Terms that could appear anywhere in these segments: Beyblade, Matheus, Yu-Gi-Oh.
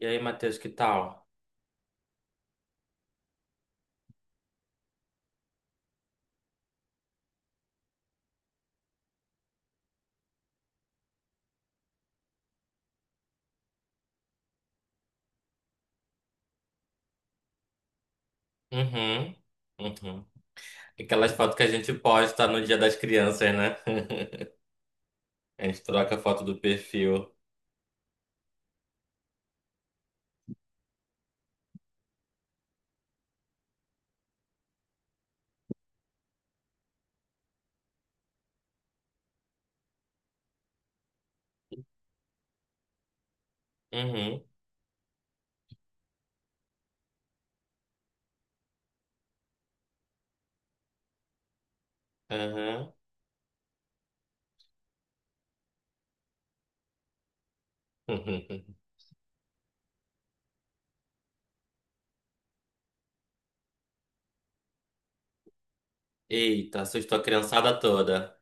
E aí, Matheus, que tal? Uhum, uhum. Aquelas fotos que a gente posta no Dia das Crianças, né? A gente troca a foto do perfil. Uhum, uhum. Eita, assustou a criançada toda.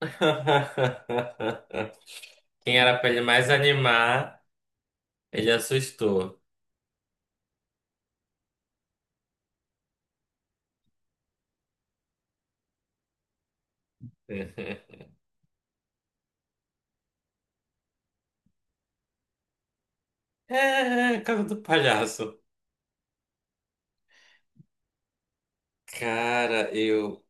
Quem era pra ele mais animar, ele assustou. É, casa do palhaço. Cara, eu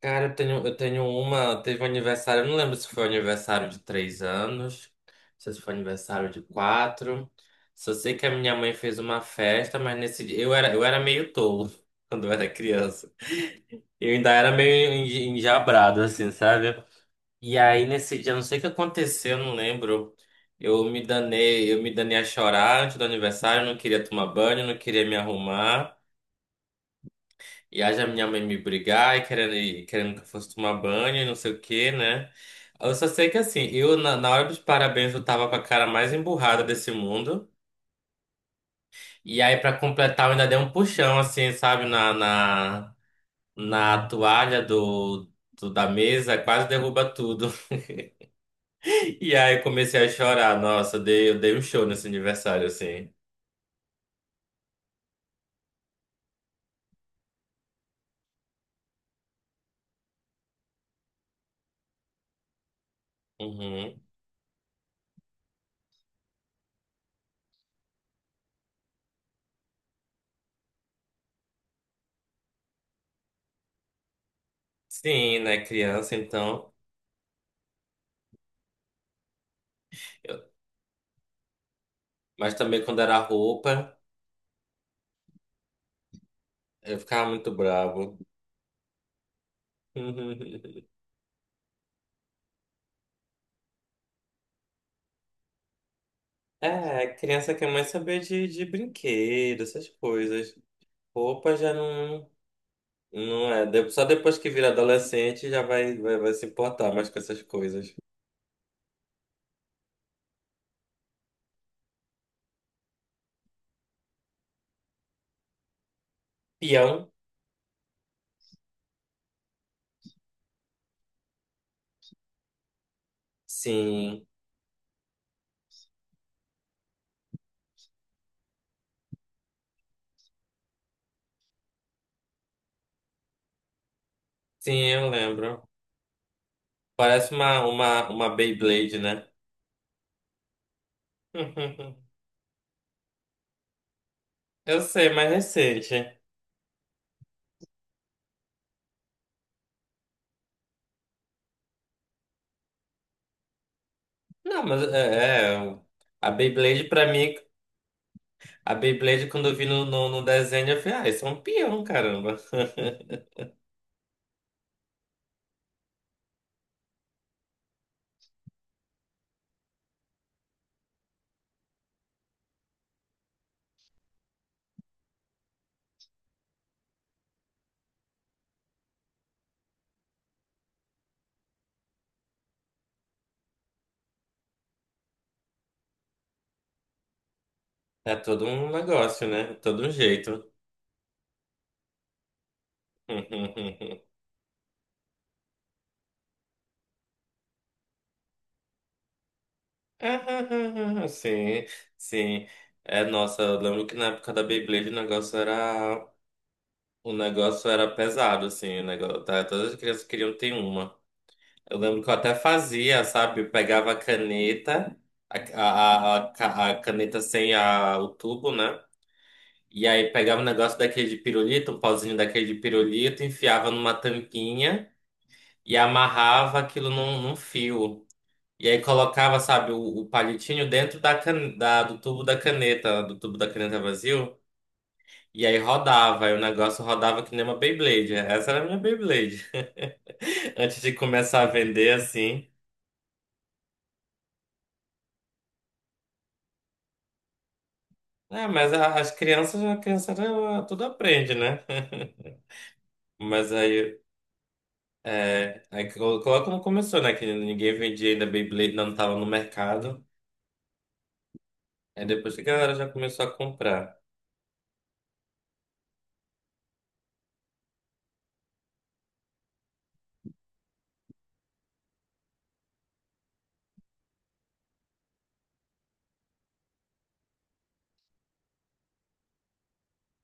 Cara, eu tenho uma. Teve um aniversário, eu não lembro se foi um aniversário de três anos, se foi um aniversário de quatro. Só sei que a minha mãe fez uma festa, mas nesse dia. Eu era meio tolo quando eu era criança. Eu ainda era meio enjabrado, assim, sabe? E aí nesse dia, não sei o que aconteceu, eu não lembro. Eu me danei a chorar antes do aniversário, eu não queria tomar banho, eu não queria me arrumar. E aí a minha mãe me brigar e querendo que eu fosse tomar banho e não sei o quê, né? Eu só sei que assim, eu na hora dos parabéns eu tava com a cara mais emburrada desse mundo. E aí pra completar eu ainda dei um puxão assim, sabe, na toalha da mesa, quase derruba tudo. E aí eu comecei a chorar, nossa, eu dei um show nesse aniversário assim. Uhum. Sim, né, criança então. Eu- mas também quando era roupa, eu ficava muito bravo. É, criança quer mais saber de brinquedo, essas coisas. Roupa já não, não é. Só depois que vira adolescente já vai se importar mais com essas coisas. Peão? Sim, sim, eu lembro. Parece uma Beyblade, né? Eu sei, mais recente. Não, mas a Beyblade pra mim, a Beyblade quando eu vi no desenho, eu falei, ah, isso é um peão, caramba. É todo um negócio, né? Todo um jeito. Sim, sim. É, nossa, eu lembro que na época da Beyblade o negócio era. O negócio era pesado, assim, o negócio, tá? Todas as crianças queriam ter uma. Eu lembro que eu até fazia, sabe? Eu pegava a caneta, a caneta sem a, o tubo, né? E aí pegava um negócio daquele de pirulito, um pauzinho daquele de pirulito, enfiava numa tampinha e amarrava aquilo num fio. E aí colocava, sabe, o palitinho dentro do tubo da caneta, do tubo da caneta vazio. E aí rodava, e o negócio rodava que nem uma Beyblade. Essa era a minha Beyblade. Antes de começar a vender, assim. É, mas as crianças, a criança ela tudo aprende, né? Mas aí, é, aí coloca como começou, né? Que ninguém vendia ainda Beyblade, não tava no mercado. Aí depois que a galera já começou a comprar.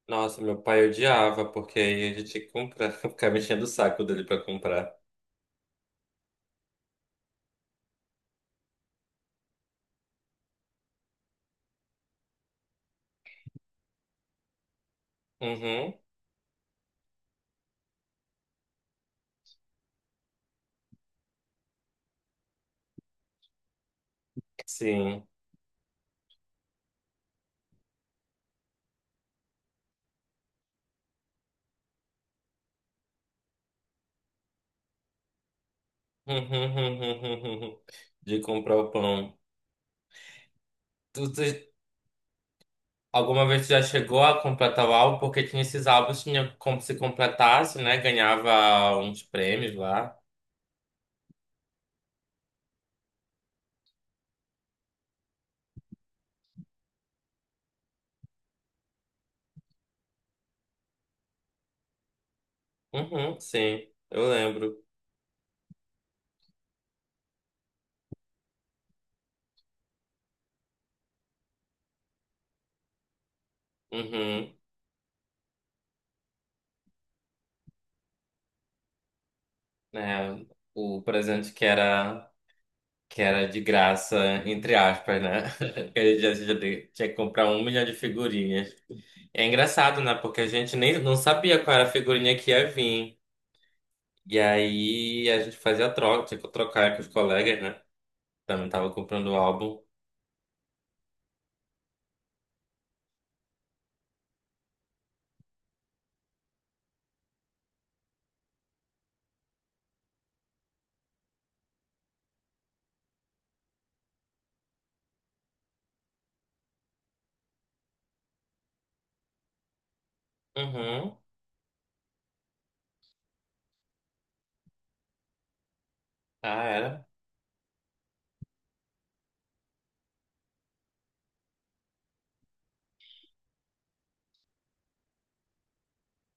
Nossa, meu pai odiava, porque aí a gente tinha que comprar, ficar mexendo o saco dele pra comprar. Uhum, sim. De comprar o pão. Tu, tu- Alguma vez tu já chegou a completar o álbum? Porque tinha esses álbuns, tinha como se completasse, né? Ganhava uns prêmios lá. Uhum, sim, eu lembro. Uhum, né? O presente que era de graça, entre aspas, né? Que a gente já tinha que comprar um milhão de figurinhas. É engraçado, né? Porque a gente nem não sabia qual era a figurinha que ia vir. E aí a gente fazia troca, tinha que trocar com os colegas, né? Também tava comprando o álbum. Uhum. Ah, era?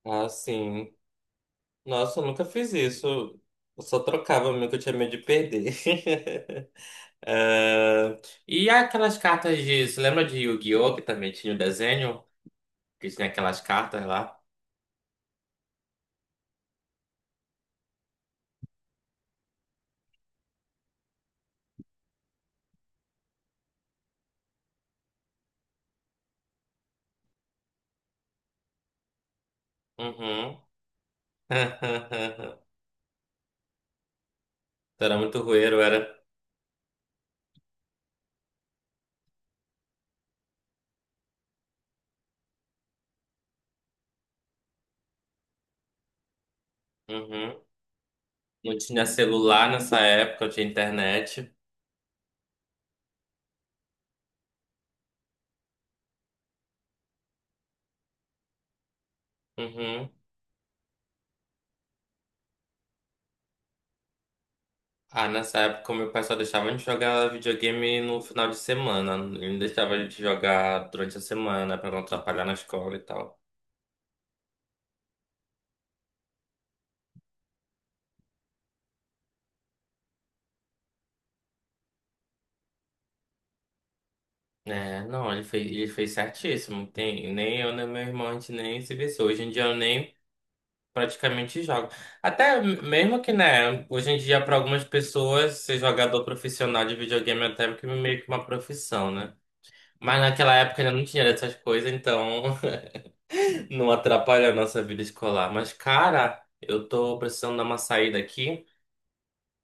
Ah, sim. Nossa, eu nunca fiz isso. Eu só trocava mesmo que eu tinha medo de perder. Ah, e aquelas cartas de. Você lembra de Yu-Gi-Oh! Que também tinha o desenho? Que tinha aquelas cartas lá? Uhum. Tu era muito rueiro, era? Uhum. Não tinha celular nessa época, eu tinha internet. Uhum. Ah, nessa época meu pai só deixava a gente jogar videogame no final de semana. Ele não deixava a gente jogar durante a semana pra não atrapalhar na escola e tal. É, não, ele fez certíssimo. Tem, nem eu, nem meu irmão, a gente nem se vê. Hoje em dia eu nem praticamente jogo. Até mesmo que, né, hoje em dia para algumas pessoas ser jogador profissional de videogame é até que meio que uma profissão, né? Mas naquela época ainda não tinha essas coisas, então não atrapalha a nossa vida escolar. Mas, cara, eu tô precisando dar uma saída aqui,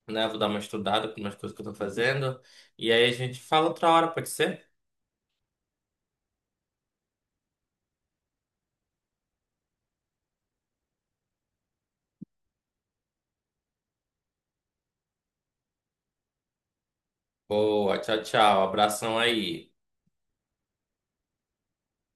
né? Vou dar uma estudada com umas coisas que eu tô fazendo. E aí a gente fala outra hora, pode ser? Boa, tchau, tchau. Abração aí.